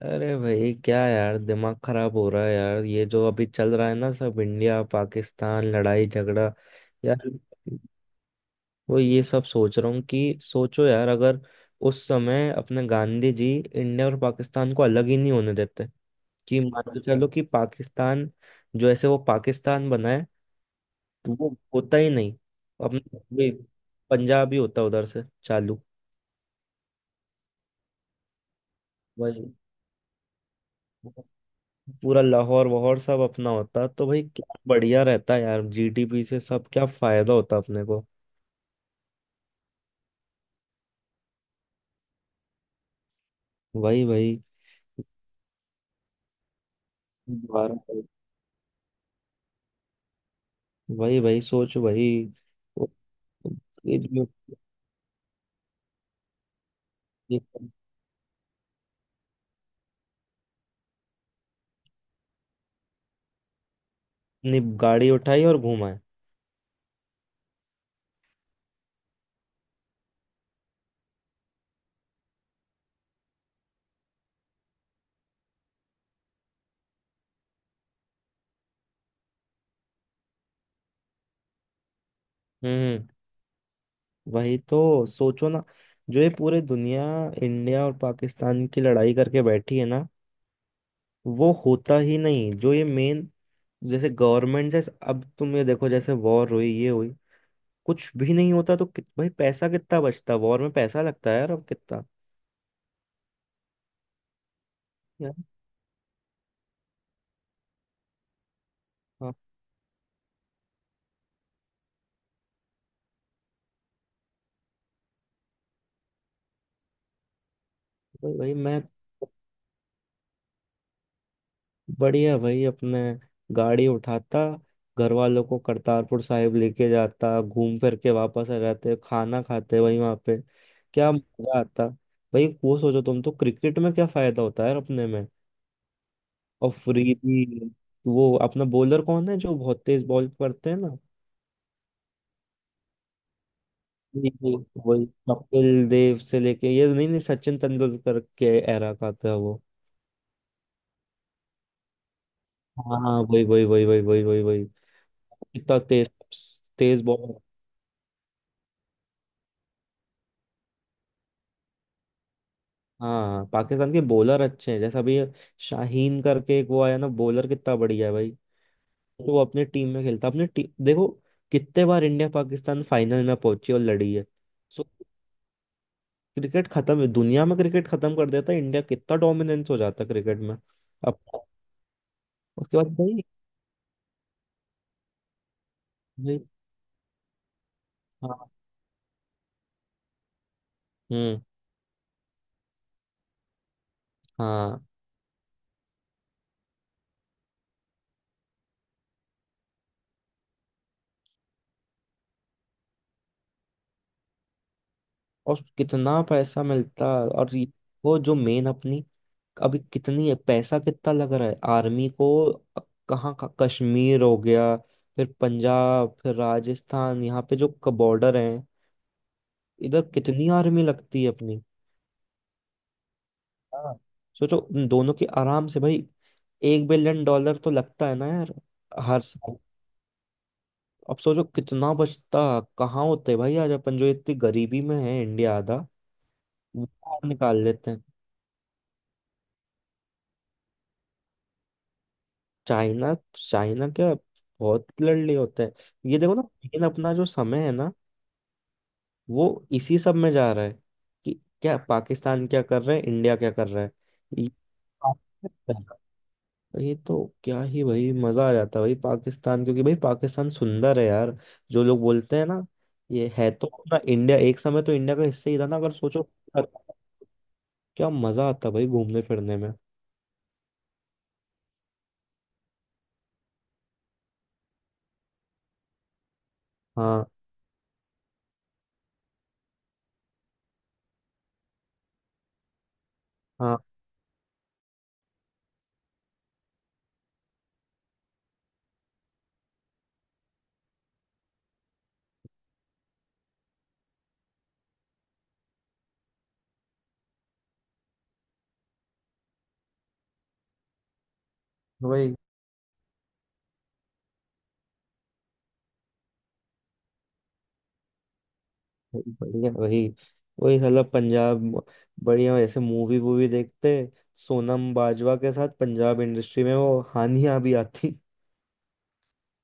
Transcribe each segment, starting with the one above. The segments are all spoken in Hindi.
अरे भाई क्या यार, दिमाग खराब हो रहा है यार। ये जो अभी चल रहा है ना, सब इंडिया पाकिस्तान लड़ाई झगड़ा यार। वो ये सब सोच रहा हूँ कि सोचो यार, अगर उस समय अपने गांधी जी इंडिया और पाकिस्तान को अलग ही नहीं होने देते। कि मान के चलो कि पाकिस्तान जो ऐसे वो पाकिस्तान बना है, तो वो होता ही नहीं। अपने ये पंजाब ही होता उधर से चालू। वही, पूरा लाहौर वाहौर सब अपना होता तो भाई क्या बढ़िया रहता यार। जीडीपी से सब क्या फायदा होता अपने को। वही वही। दोबारा। वही वही सोच वही। वो- ये जो- ये अपनी गाड़ी उठाई और घुमाए। हम्म। वही तो सोचो ना, जो ये पूरे दुनिया इंडिया और पाकिस्तान की लड़ाई करके बैठी है ना, वो होता ही नहीं। जो ये मेन, जैसे गवर्नमेंट। जैसे अब तुम ये देखो, जैसे वॉर हुई ये हुई, कुछ भी नहीं होता, तो भाई पैसा कितना बचता। वॉर में पैसा लगता है यार, अब कितना। यार। हाँ। भाई भाई, मैं बढ़िया। भाई अपने गाड़ी उठाता, घर वालों को करतारपुर साहिब लेके जाता, घूम फिर के वापस आ जाते, खाना खाते वहीं वहां पे। क्या मजा आता भाई। वो सोचो तुम तो, क्रिकेट में क्या फायदा होता है यार अपने में। और फ्रीबी। वो अपना बॉलर कौन है जो बहुत तेज बॉल करते हैं ना। जी, जी, वही। कपिल देव से लेके, ये नहीं नहीं, सचिन तेंदुलकर के एरा का था वो। हाँ हाँ, वही वही वही वही वही वही वही। कितना तेज, तेज बॉलर। हाँ पाकिस्तान के बॉलर अच्छे हैं, जैसा अभी शाहीन करके एक वो आया ना बॉलर, कितना बढ़िया है भाई। तो वो अपने टीम में खेलता, अपने टीम देखो कितने बार इंडिया पाकिस्तान फाइनल में पहुंची और लड़ी है। सो क्रिकेट खत्म है दुनिया में। क्रिकेट खत्म कर देता है इंडिया, कितना डोमिनेंस हो जाता है क्रिकेट में। अब उसके बाद भाई। भाई, हाँ। हम्म। हाँ और कितना पैसा मिलता है, और वो जो मेन अपनी, अभी कितनी पैसा कितना लग रहा है आर्मी को। कहाँ का कश्मीर हो गया, फिर पंजाब, फिर राजस्थान, यहाँ पे जो बॉर्डर है, इधर कितनी आर्मी लगती है अपनी। हाँ, सोचो उन दोनों की आराम से भाई, 1 बिलियन डॉलर तो लगता है ना यार, हर साल। अब सोचो कितना बचता, कहाँ होते भाई आज, अपन जो इतनी गरीबी में है इंडिया, आधा वो बाहर निकाल लेते हैं। चाइना चाइना क्या, बहुत लड़ली होता है। ये देखो ना, लेकिन अपना जो समय है ना, वो इसी सब में जा रहा है। कि क्या पाकिस्तान क्या कर रहा है, इंडिया क्या कर रहा है। ये ये तो, क्या ही भाई मजा आ जाता है भाई पाकिस्तान, क्योंकि भाई पाकिस्तान सुंदर है यार। जो लोग बोलते हैं ना, ये है तो अपना इंडिया, एक समय तो इंडिया का हिस्सा ही था ना अगर सोचो। क्या मजा आता है भाई घूमने फिरने में। हाँ हाँ वही बढ़िया। वही वही साला पंजाब बढ़िया। ऐसे मूवी वूवी देखते सोनम बाजवा के साथ, पंजाब इंडस्ट्री में वो हानिया भी आती,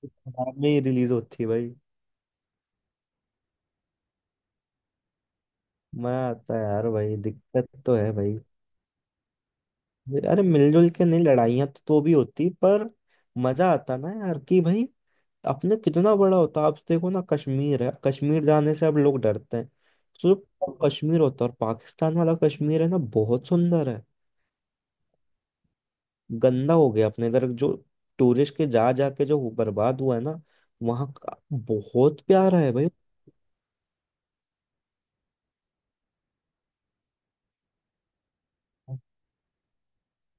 पंजाब में ही रिलीज होती भाई। मजा आता है यार भाई। दिक्कत तो है भाई। अरे मिलजुल के नहीं, लड़ाइयाँ तो भी होती, पर मजा आता ना यार कि भाई, अपने कितना बड़ा होता। आप देखो ना कश्मीर है, कश्मीर जाने से अब लोग डरते हैं। तो जो कश्मीर होता है, और पाकिस्तान वाला कश्मीर है ना बहुत सुंदर है। गंदा हो गया अपने इधर जो, टूरिस्ट के जा जाके जो वो बर्बाद हुआ है ना, वहाँ का बहुत प्यारा है भाई।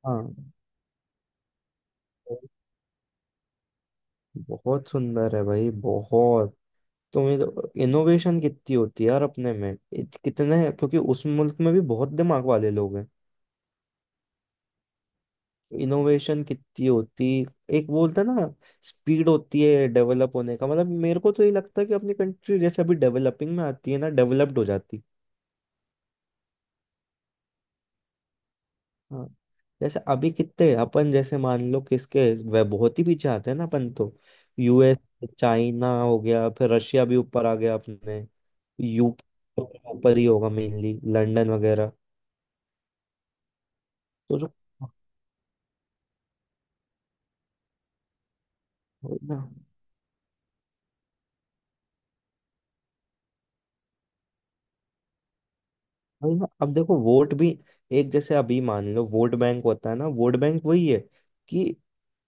हाँ बहुत सुंदर है भाई, बहुत। तो इनोवेशन कितनी होती है यार अपने में, कितने, क्योंकि उस मुल्क में भी बहुत दिमाग वाले लोग हैं। इनोवेशन कितनी होती। एक बोलता ना, स्पीड होती है डेवलप होने का, मतलब मेरे को तो ये लगता है कि अपनी कंट्री जैसे अभी डेवलपिंग में आती है ना, डेवलप्ड हो जाती। हाँ, जैसे अभी कितने अपन, जैसे मान लो किसके, वह बहुत ही पीछे आते हैं ना अपन तो। यूएस, चाइना हो गया, फिर रशिया भी ऊपर आ गया, अपने यूके तो ऊपर ही होगा, मेनली लंदन वगैरह। तो जो, वही ना। वही ना, अब देखो वोट भी। एक जैसे, अभी मान लो वोट बैंक होता है ना, वोट बैंक वही है कि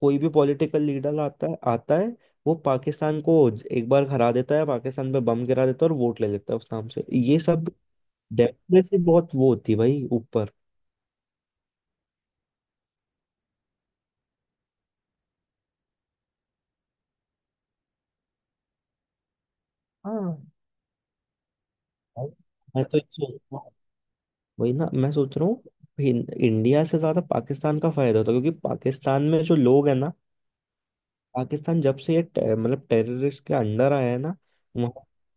कोई भी पॉलिटिकल लीडर आता है, आता है वो पाकिस्तान को एक बार हरा देता है, पाकिस्तान पे बम गिरा देता है और वोट ले लेता है उस नाम से ये सब। डेप्थ में से बहुत वो होती है भाई ऊपर। हाँ भाई, मैं तो ये सोच रहा हूँ, वही ना मैं सोच रहा हूँ। इंडिया से ज्यादा पाकिस्तान का फायदा होता है, क्योंकि पाकिस्तान में जो लोग हैं ना, पाकिस्तान जब से ये मतलब टेररिस्ट के अंडर आया है ना, वहाँ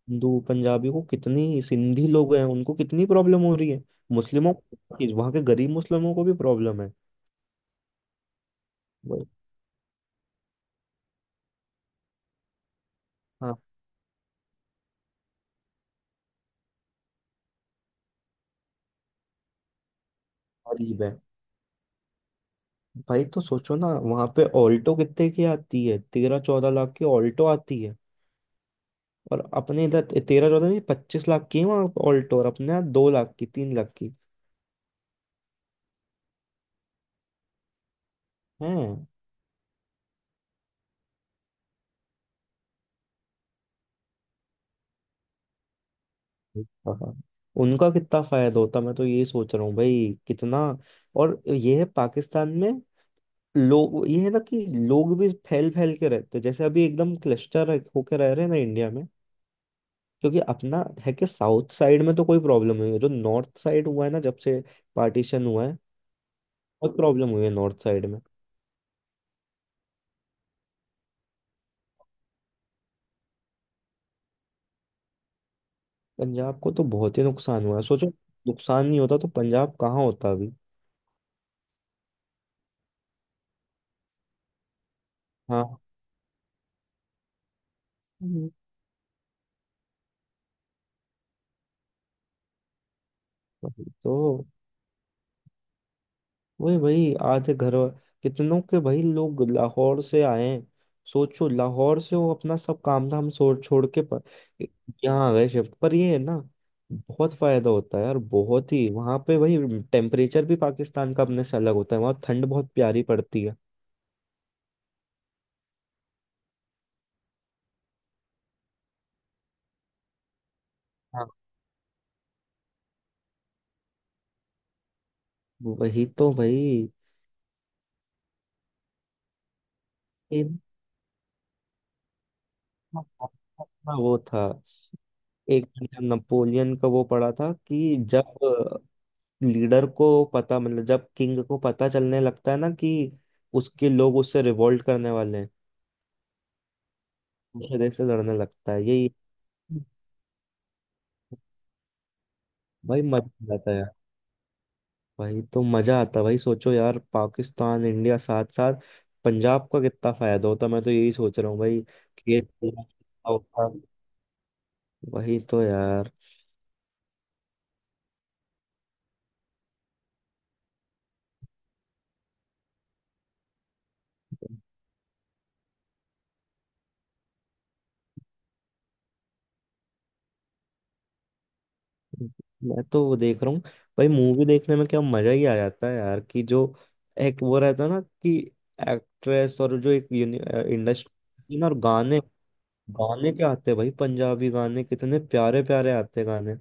हिंदू पंजाबी को कितनी, सिंधी लोग हैं उनको कितनी प्रॉब्लम हो रही है, मुस्लिमों को, कि वहाँ के गरीब मुस्लिमों को भी प्रॉब्लम है। वही। हाँ। गरीब है। भाई तो सोचो ना वहाँ पे ऑल्टो कितने की आती है, 13-14 लाख की ऑल्टो आती है। और अपने इधर 13-14 नहीं, 25 लाख की है वहाँ ऑल्टो, और अपने यहाँ 2 लाख की, 3 लाख की है। उनका कितना फायदा होता, मैं तो ये सोच रहा हूँ भाई कितना। और ये है पाकिस्तान में लोग, ये है ना कि लोग भी फैल फैल के रहते हैं, जैसे अभी एकदम क्लस्टर होके रह रहे हैं ना इंडिया में। क्योंकि अपना है कि साउथ साइड में तो कोई प्रॉब्लम नहीं है, जो नॉर्थ साइड हुआ है ना जब से पार्टीशन हुआ है, बहुत प्रॉब्लम हुई है नॉर्थ साइड में। पंजाब को तो बहुत ही नुकसान हुआ है सोचो, नुकसान नहीं होता तो पंजाब कहाँ होता अभी। हाँ। हम्म। वही तो। वही भाई, आधे घर कितनों के भाई लोग लाहौर से आए हैं, सोचो लाहौर से वो अपना सब काम धाम छोड़ छोड़ के यहाँ आ गए शिफ्ट पर। ये है ना, बहुत फायदा होता है यार, बहुत ही वहाँ पे भाई। टेम्परेचर भी पाकिस्तान का अपने से अलग होता है, वहाँ ठंड बहुत प्यारी पड़ती है। हाँ, वही तो भाई। इनका अपना वो था, एक नपोलियन का वो पड़ा था कि जब लीडर को पता, मतलब जब किंग को पता चलने लगता है ना कि उसके लोग उससे रिवोल्ट करने वाले हैं, दूसरे देश से लड़ने लगता है। यही भाई मजा आता है यार। भाई तो मजा आता है भाई, सोचो यार पाकिस्तान इंडिया साथ साथ, पंजाब का कितना फायदा होता मैं तो यही सोच रहा हूँ भाई। खेत पूरा होता। वही तो यार। मैं तो वो देख रहा हूँ भाई, मूवी देखने में क्या मजा ही आ जाता है यार, कि जो एक वो रहता है ना, कि एक्ट्रेस और जो एक इंडस्ट्री ना और गाने, गाने क्या आते हैं भाई, पंजाबी गाने कितने प्यारे प्यारे आते हैं गाने।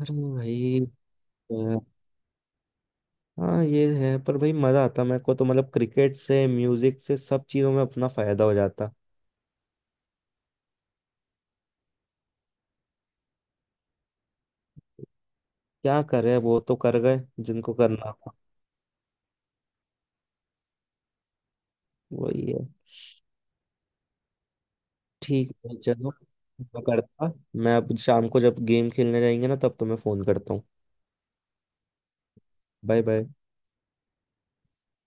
अरे भाई अ, हाँ ये है, पर भाई मजा आता मेरे को तो, मतलब क्रिकेट से, म्यूजिक से, सब चीजों में अपना फायदा हो जाता। क्या करे, वो तो कर गए जिनको करना था। वही है। ठीक है भाई, चलो। मैं करता, मैं अब शाम को जब गेम खेलने जाएंगे ना, तब तुम्हें फोन करता हूँ। Bye bye.